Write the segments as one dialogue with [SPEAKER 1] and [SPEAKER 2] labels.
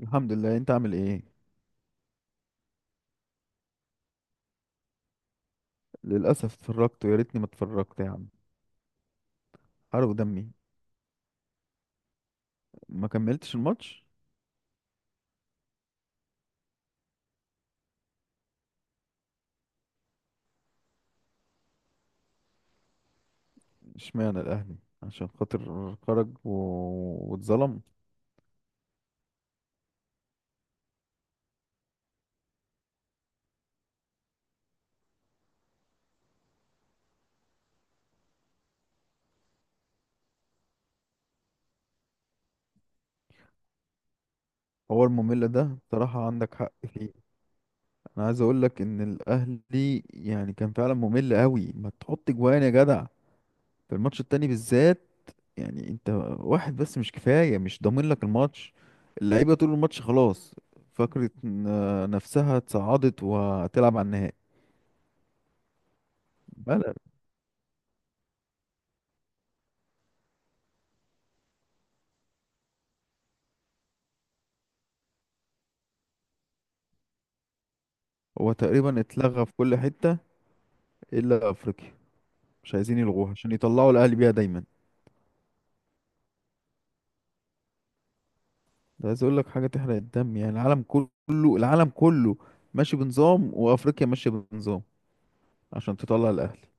[SPEAKER 1] الحمد لله، انت عامل ايه؟ للاسف اتفرجت ويا ريتني ما اتفرجت يا عم. حرق دمي. ما كملتش الماتش. اشمعنى الاهلي؟ عشان خاطر خرج واتظلم. هو الممل ده بصراحة عندك حق فيه. انا عايز اقول لك ان الاهلي كان فعلا ممل قوي، ما تحط جوان يا جدع، في الماتش التاني بالذات. يعني انت واحد بس مش كفاية، مش ضامن لك الماتش. اللعيبة طول الماتش خلاص. فكرة نفسها اتصعدت وهتلعب على النهائي بلا. هو تقريبا اتلغى في كل حتة إلا أفريقيا. مش عايزين يلغوها عشان يطلعوا الأهلي بيها دايما. ده عايز أقول لك حاجة تحرق الدم، يعني العالم كله، العالم كله ماشي بنظام وأفريقيا ماشية بنظام عشان تطلع الأهلي.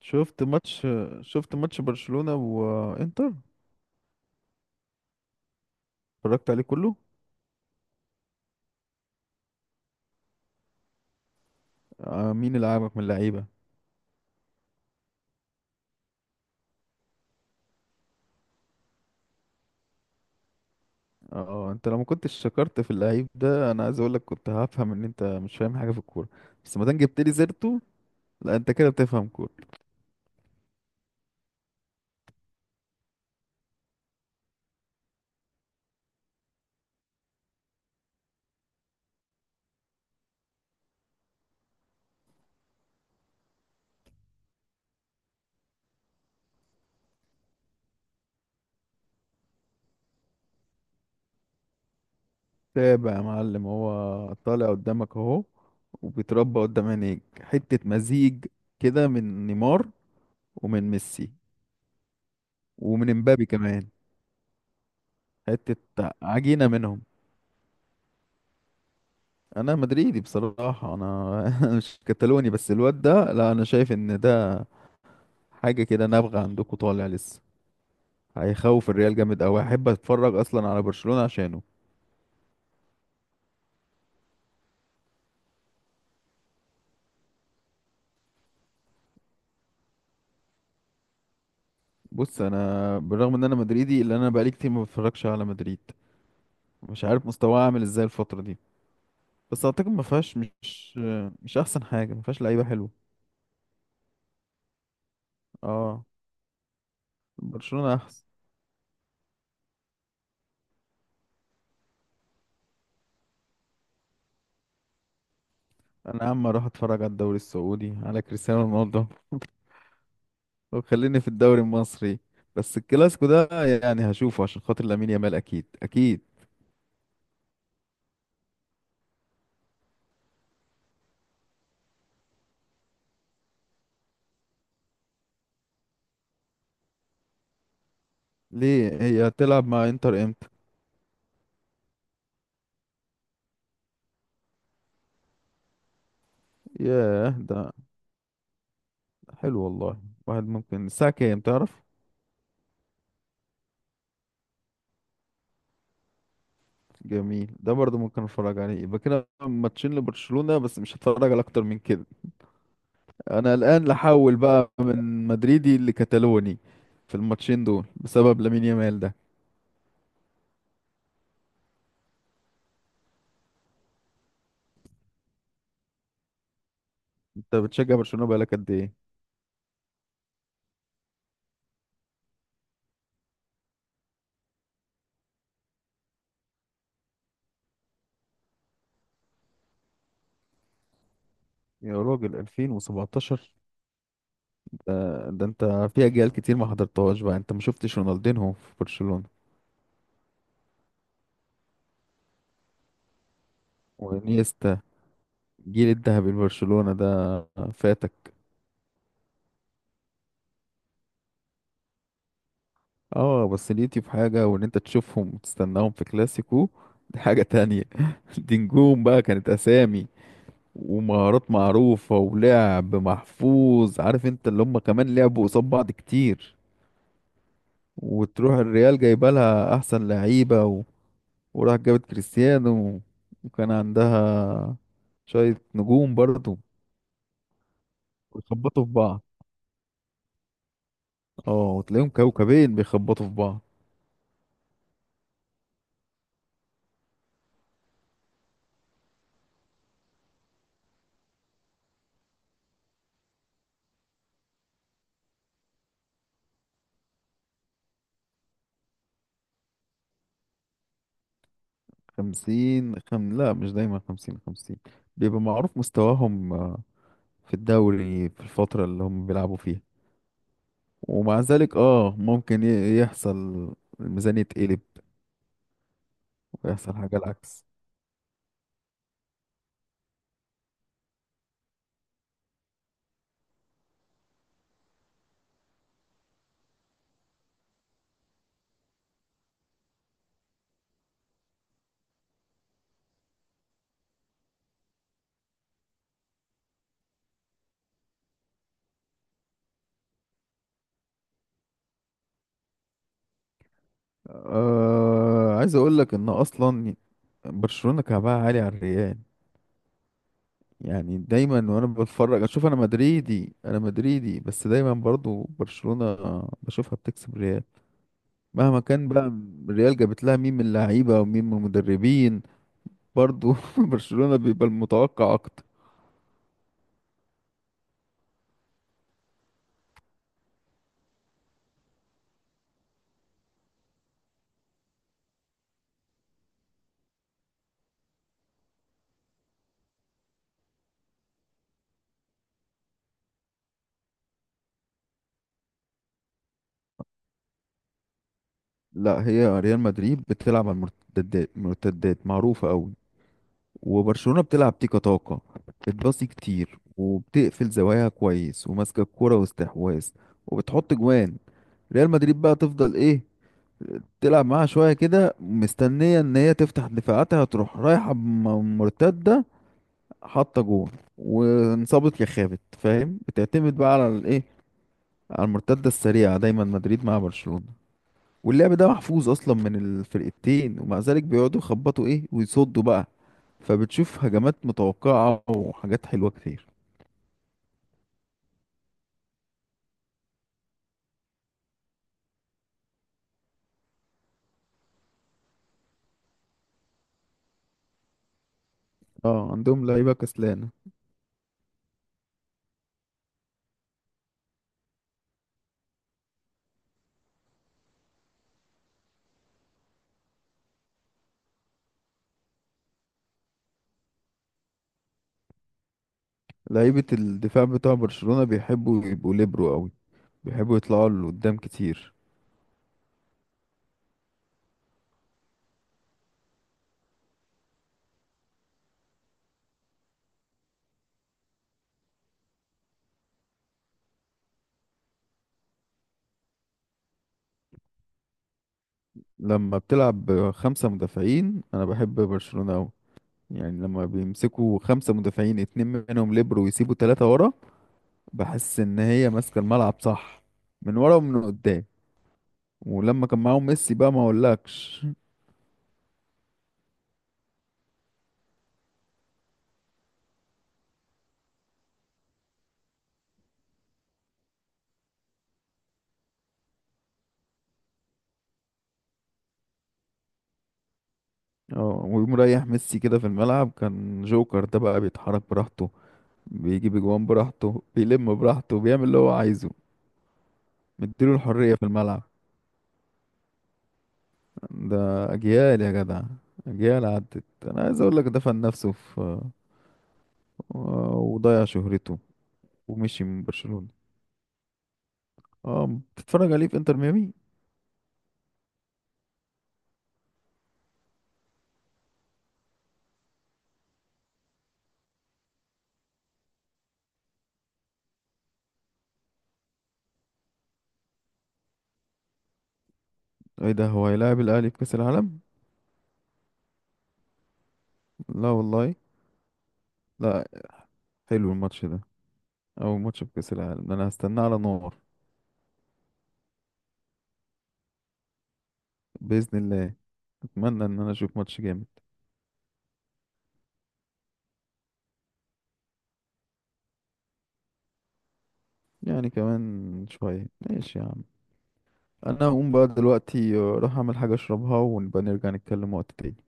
[SPEAKER 1] شفت ماتش شفت ماتش برشلونة وإنتر؟ اتفرجت عليه كله. مين اللي عاجبك من اللعيبة؟ اه، انت لو ما كنتش شكرت في اللعيب ده انا عايز اقول لك كنت هفهم ان انت مش فاهم حاجة في الكورة، بس ما دام جبت لي سيرته لا انت كده بتفهم كورة. تابع يا معلم، هو طالع قدامك اهو وبيتربى قدام عينيك. حتة مزيج كده من نيمار، ومن ميسي، ومن امبابي كمان. حتة عجينة منهم. انا مدريدي بصراحة انا مش كتالوني، بس الواد ده لا، انا شايف ان ده حاجة كده نابغة عندكم طالع لسه. هيخوف الريال جامد قوي. احب اتفرج اصلا على برشلونة عشانه. بص، انا بالرغم ان انا مدريدي الا انا بقالي كتير ما بتفرجش على مدريد. مش عارف مستواه عامل ازاي الفترة دي، بس اعتقد ما فيهاش مش مش احسن حاجه، ما فيهاش لعيبه حلوه. اه، برشلونه احسن. انا يا عم اروح اتفرج على الدوري السعودي على كريستيانو رونالدو وخليني في الدوري المصري. بس الكلاسيكو ده يعني هشوفه عشان خاطر لامين يامال، اكيد اكيد. ليه، هي هتلعب مع انتر امتى؟ ياه، ده حلو والله. واحد ممكن الساعه كام تعرف؟ جميل، ده برضه ممكن اتفرج عليه. يبقى كده ماتشين لبرشلونه بس، مش هتفرج على اكتر من كده. انا الان لحول بقى من مدريدي لكتالوني في الماتشين دول بسبب لامين يامال ده. انت بتشجع برشلونة بقالك قد ايه؟ يا راجل 2017؟ ده, ده انت في اجيال كتير ما حضرتهاش بقى. انت ما شفتش رونالدينهو في برشلونة وانيستا؟ جيل الذهبي لبرشلونة ده فاتك. اه، بس ليتي في حاجة وان انت تشوفهم وتستناهم في كلاسيكو، دي حاجة تانية. دي نجوم بقى، كانت اسامي ومهارات معروفة ولعب محفوظ، عارف انت، اللي هم كمان لعبوا قصاد بعض كتير. وتروح الريال جايبه لها احسن لعيبة وراح جابت كريستيانو، وكان عندها شوية نجوم برضو. بيخبطوا في بعض. اه، وتلاقيهم كوكبين بيخبطوا في بعض. لا، مش دايما خمسين خمسين. بيبقى معروف مستواهم في الدوري، في الفترة اللي هم بيلعبوا فيها. ومع ذلك اه ممكن يحصل الميزانية تقلب ويحصل حاجة العكس. أه، عايز اقول لك ان اصلا برشلونة كعبها عالي على الريال. يعني دايما وانا بتفرج اشوف، انا مدريدي بس دايما برضو برشلونة بشوفها بتكسب ريال مهما كان بقى. الريال جابت لها مين من اللعيبة ومين من المدربين، برضو برشلونة بيبقى المتوقع اكتر. لا، هي ريال مدريد بتلعب على المرتدات، المرتدات معروفة قوي، وبرشلونة بتلعب تيكا تاكا، بتباصي كتير وبتقفل زواياها كويس وماسكة الكورة واستحواذ وبتحط جوان. ريال مدريد بقى تفضل ايه؟ تلعب معاها شوية كده مستنية ان هي تفتح دفاعاتها، تروح رايحة مرتدة، حاطة جون، وانصابت يا خابت. فاهم؟ بتعتمد بقى على الايه، على المرتدة السريعة دايما مدريد مع برشلونة. واللعب ده محفوظ اصلا من الفرقتين، ومع ذلك بيقعدوا يخبطوا ايه ويصدوا بقى. فبتشوف هجمات متوقعة وحاجات حلوة كتير. اه عندهم لعيبة كسلانة. لعيبة الدفاع بتاع برشلونة بيحبوا يبقوا ليبرو قوي، بيحبوا يطلعوا لقدام كتير. لما بتلعب بخمسة مدافعين انا بحب برشلونة قوي. يعني لما بيمسكوا خمسة مدافعين، اتنين منهم ليبرو ويسيبوا تلاتة ورا، بحس ان هي ماسكة الملعب صح من ورا ومن قدام. ولما كان معاهم ميسي بقى ما اقولكش. اه، ويقوم رايح ميسي كده في الملعب كان جوكر. ده بقى بيتحرك براحته، بيجي بجوان براحته، بيلم براحته، بيعمل اللي هو عايزه. مديله الحرية في الملعب. ده أجيال يا جدع، أجيال عدت. أنا عايز أقول لك دفن نفسه في وضيع شهرته ومشي من برشلونة. اه، بتتفرج عليه في انتر ميامي؟ ايه ده، هو هيلاعب الأهلي في كأس العالم؟ لا والله. لا. حلو الماتش ده، أول ماتش في كأس العالم ده أنا هستناه على نار. بإذن الله أتمنى إن أنا أشوف ماتش جامد. يعني كمان شوية، ماشي يا عم. انا هقوم بقى دلوقتي اروح اعمل حاجة اشربها ونبقى نرجع نتكلم وقت تاني.